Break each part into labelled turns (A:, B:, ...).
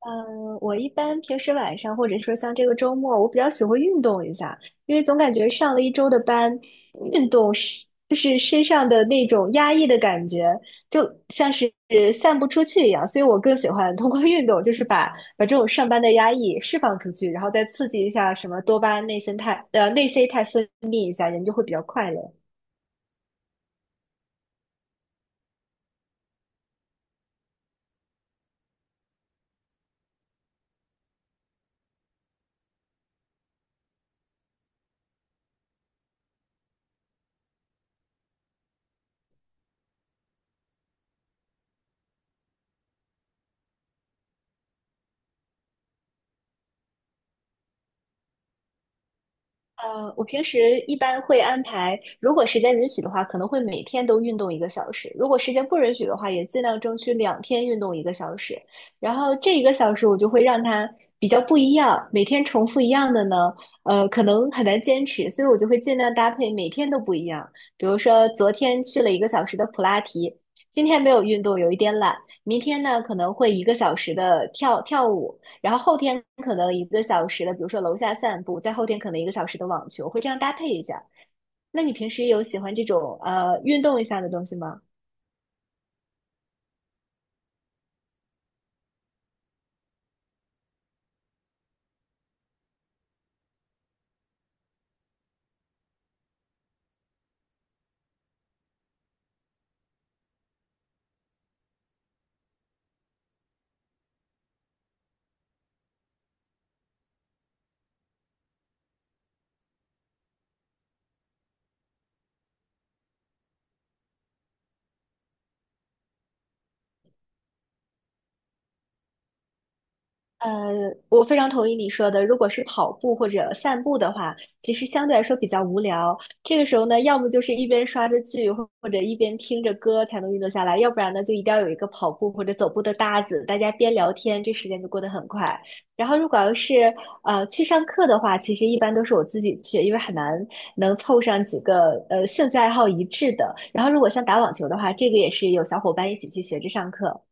A: 嗯，我一般平时晚上或者说像这个周末，我比较喜欢运动一下，因为总感觉上了一周的班，运动就是身上的那种压抑的感觉，就像是散不出去一样，所以我更喜欢通过运动，就是把这种上班的压抑释放出去，然后再刺激一下什么多巴胺、内啡肽分泌一下，人就会比较快乐。我平时一般会安排，如果时间允许的话，可能会每天都运动一个小时；如果时间不允许的话，也尽量争取两天运动一个小时。然后这一个小时我就会让它比较不一样，每天重复一样的呢，可能很难坚持，所以我就会尽量搭配每天都不一样。比如说昨天去了一个小时的普拉提，今天没有运动，有一点懒。明天呢，可能会一个小时的跳跳舞，然后后天可能一个小时的，比如说楼下散步，再后天可能一个小时的网球，会这样搭配一下。那你平时有喜欢这种运动一下的东西吗？呃，我非常同意你说的。如果是跑步或者散步的话，其实相对来说比较无聊。这个时候呢，要么就是一边刷着剧，或者一边听着歌才能运动下来，要不然呢，就一定要有一个跑步或者走步的搭子，大家边聊天，这时间就过得很快。然后，如果要是去上课的话，其实一般都是我自己去，因为很难能凑上几个兴趣爱好一致的。然后，如果像打网球的话，这个也是有小伙伴一起去学着上课。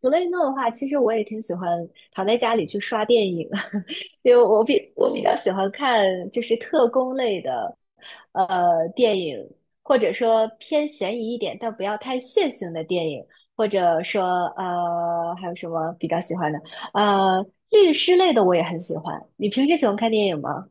A: 除了运动的话，其实我也挺喜欢躺在家里去刷电影，因为我比较喜欢看就是特工类的电影，或者说偏悬疑一点，但不要太血腥的电影，或者说还有什么比较喜欢的呃律师类的我也很喜欢。你平时喜欢看电影吗？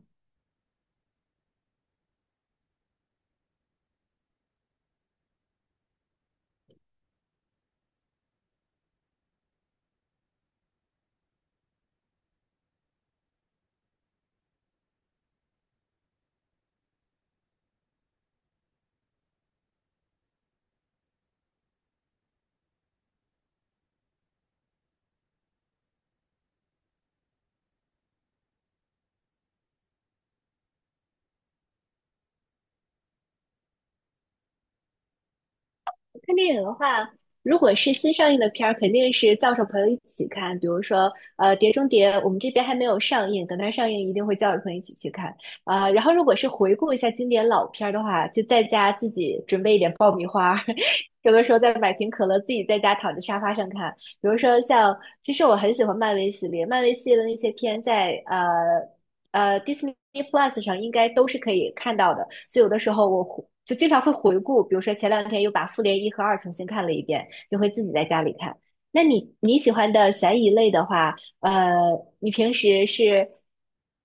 A: 看电影的话，如果是新上映的片儿，肯定是叫上朋友一起看。比如说，碟中谍》，我们这边还没有上映，等它上映一定会叫着朋友一起去看。啊、然后如果是回顾一下经典老片儿的话，就在家自己准备一点爆米花儿，有的时候再买瓶可乐，自己在家躺在沙发上看。比如说像，其实我很喜欢漫威系列，漫威系列的那些片在Disney Plus 上应该都是可以看到的，所以有的时候我回就经常会回顾，比如说前两天又把《复联一》和《二》重新看了一遍，就会自己在家里看。那你喜欢的悬疑类的话，呃，你平时是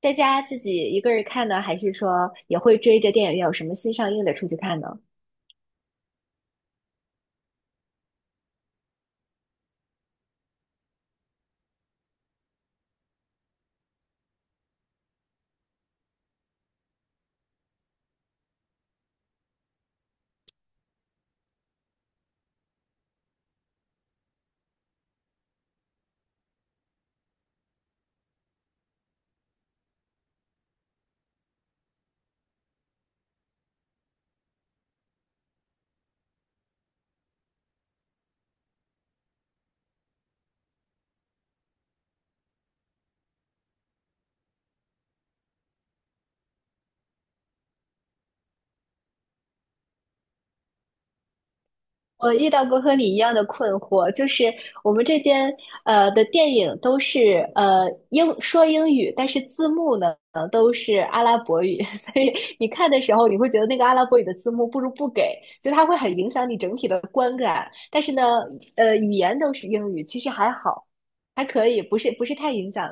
A: 在家自己一个人看呢，还是说也会追着电影院有什么新上映的出去看呢？我遇到过和你一样的困惑，就是我们这边的电影都是说英语，但是字幕呢都是阿拉伯语，所以你看的时候你会觉得那个阿拉伯语的字幕不如不给，就它会很影响你整体的观感。但是呢，语言都是英语，其实还好，还可以，不是太影响。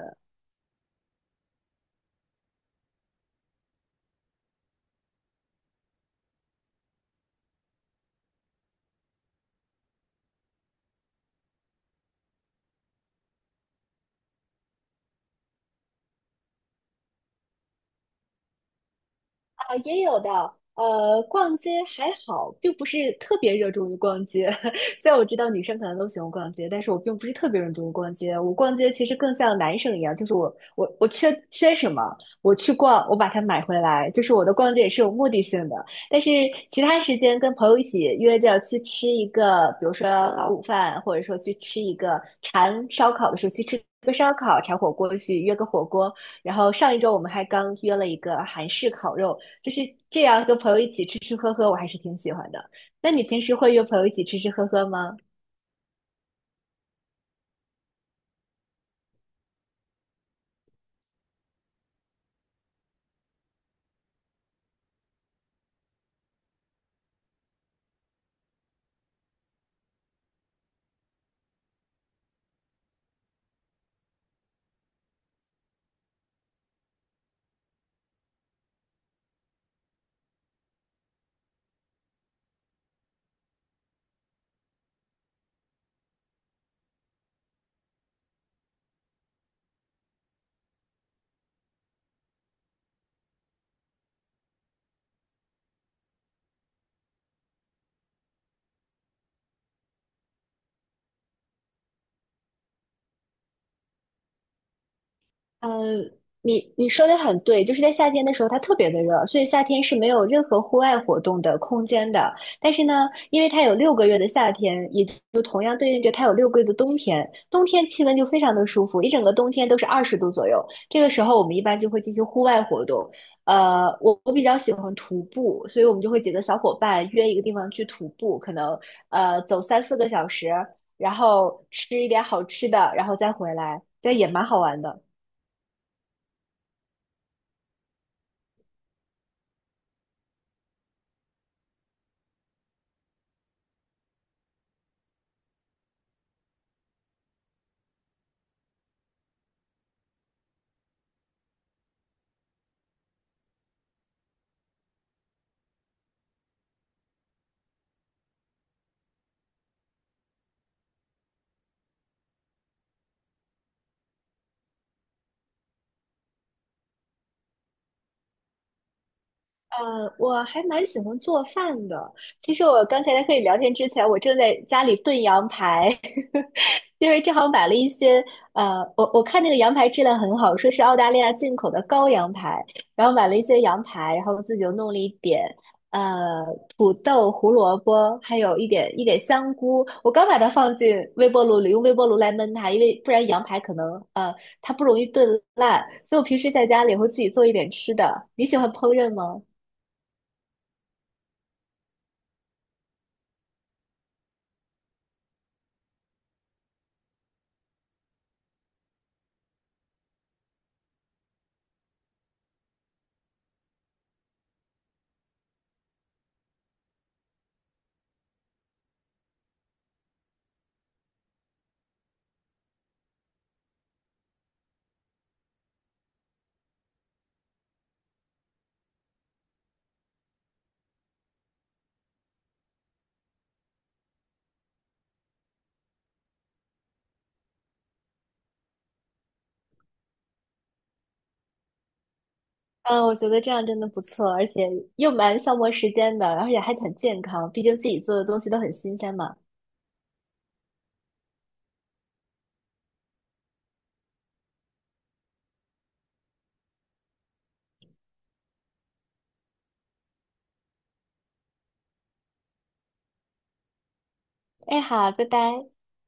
A: 啊，也有的。逛街还好，并不是特别热衷于逛街。虽然我知道女生可能都喜欢逛街，但是我并不是特别热衷于逛街。我逛街其实更像男生一样，就是我缺什么，我去逛，我把它买回来。就是我的逛街也是有目的性的。但是其他时间跟朋友一起约着去吃一个，比如说早午饭，或者说去吃一个馋烧烤的时候去吃个烧烤，馋火锅去约个火锅。然后上一周我们还刚约了一个韩式烤肉。就是这样跟朋友一起吃吃喝喝，我还是挺喜欢的。那你平时会约朋友一起吃吃喝喝吗？嗯，你说的很对，就是在夏天的时候，它特别的热，所以夏天是没有任何户外活动的空间的。但是呢，因为它有六个月的夏天，也就同样对应着它有六个月的冬天。冬天气温就非常的舒服，一整个冬天都是20度左右。这个时候，我们一般就会进行户外活动。我比较喜欢徒步，所以我们就会几个小伙伴约一个地方去徒步，可能走3、4个小时，然后吃一点好吃的，然后再回来，这也蛮好玩的。我还蛮喜欢做饭的。其实我刚才在和你聊天之前，我正在家里炖羊排，因为正好买了一些，我看那个羊排质量很好，说是澳大利亚进口的羔羊排，然后买了一些羊排，然后自己又弄了一点，呃，土豆、胡萝卜，还有一点香菇。我刚把它放进微波炉里，用微波炉来焖它，因为不然羊排可能，呃，它不容易炖烂。所以我平时在家里会自己做一点吃的。你喜欢烹饪吗？嗯，我觉得这样真的不错，而且又蛮消磨时间的，而且还很健康，毕竟自己做的东西都很新鲜嘛。哎，好，拜拜。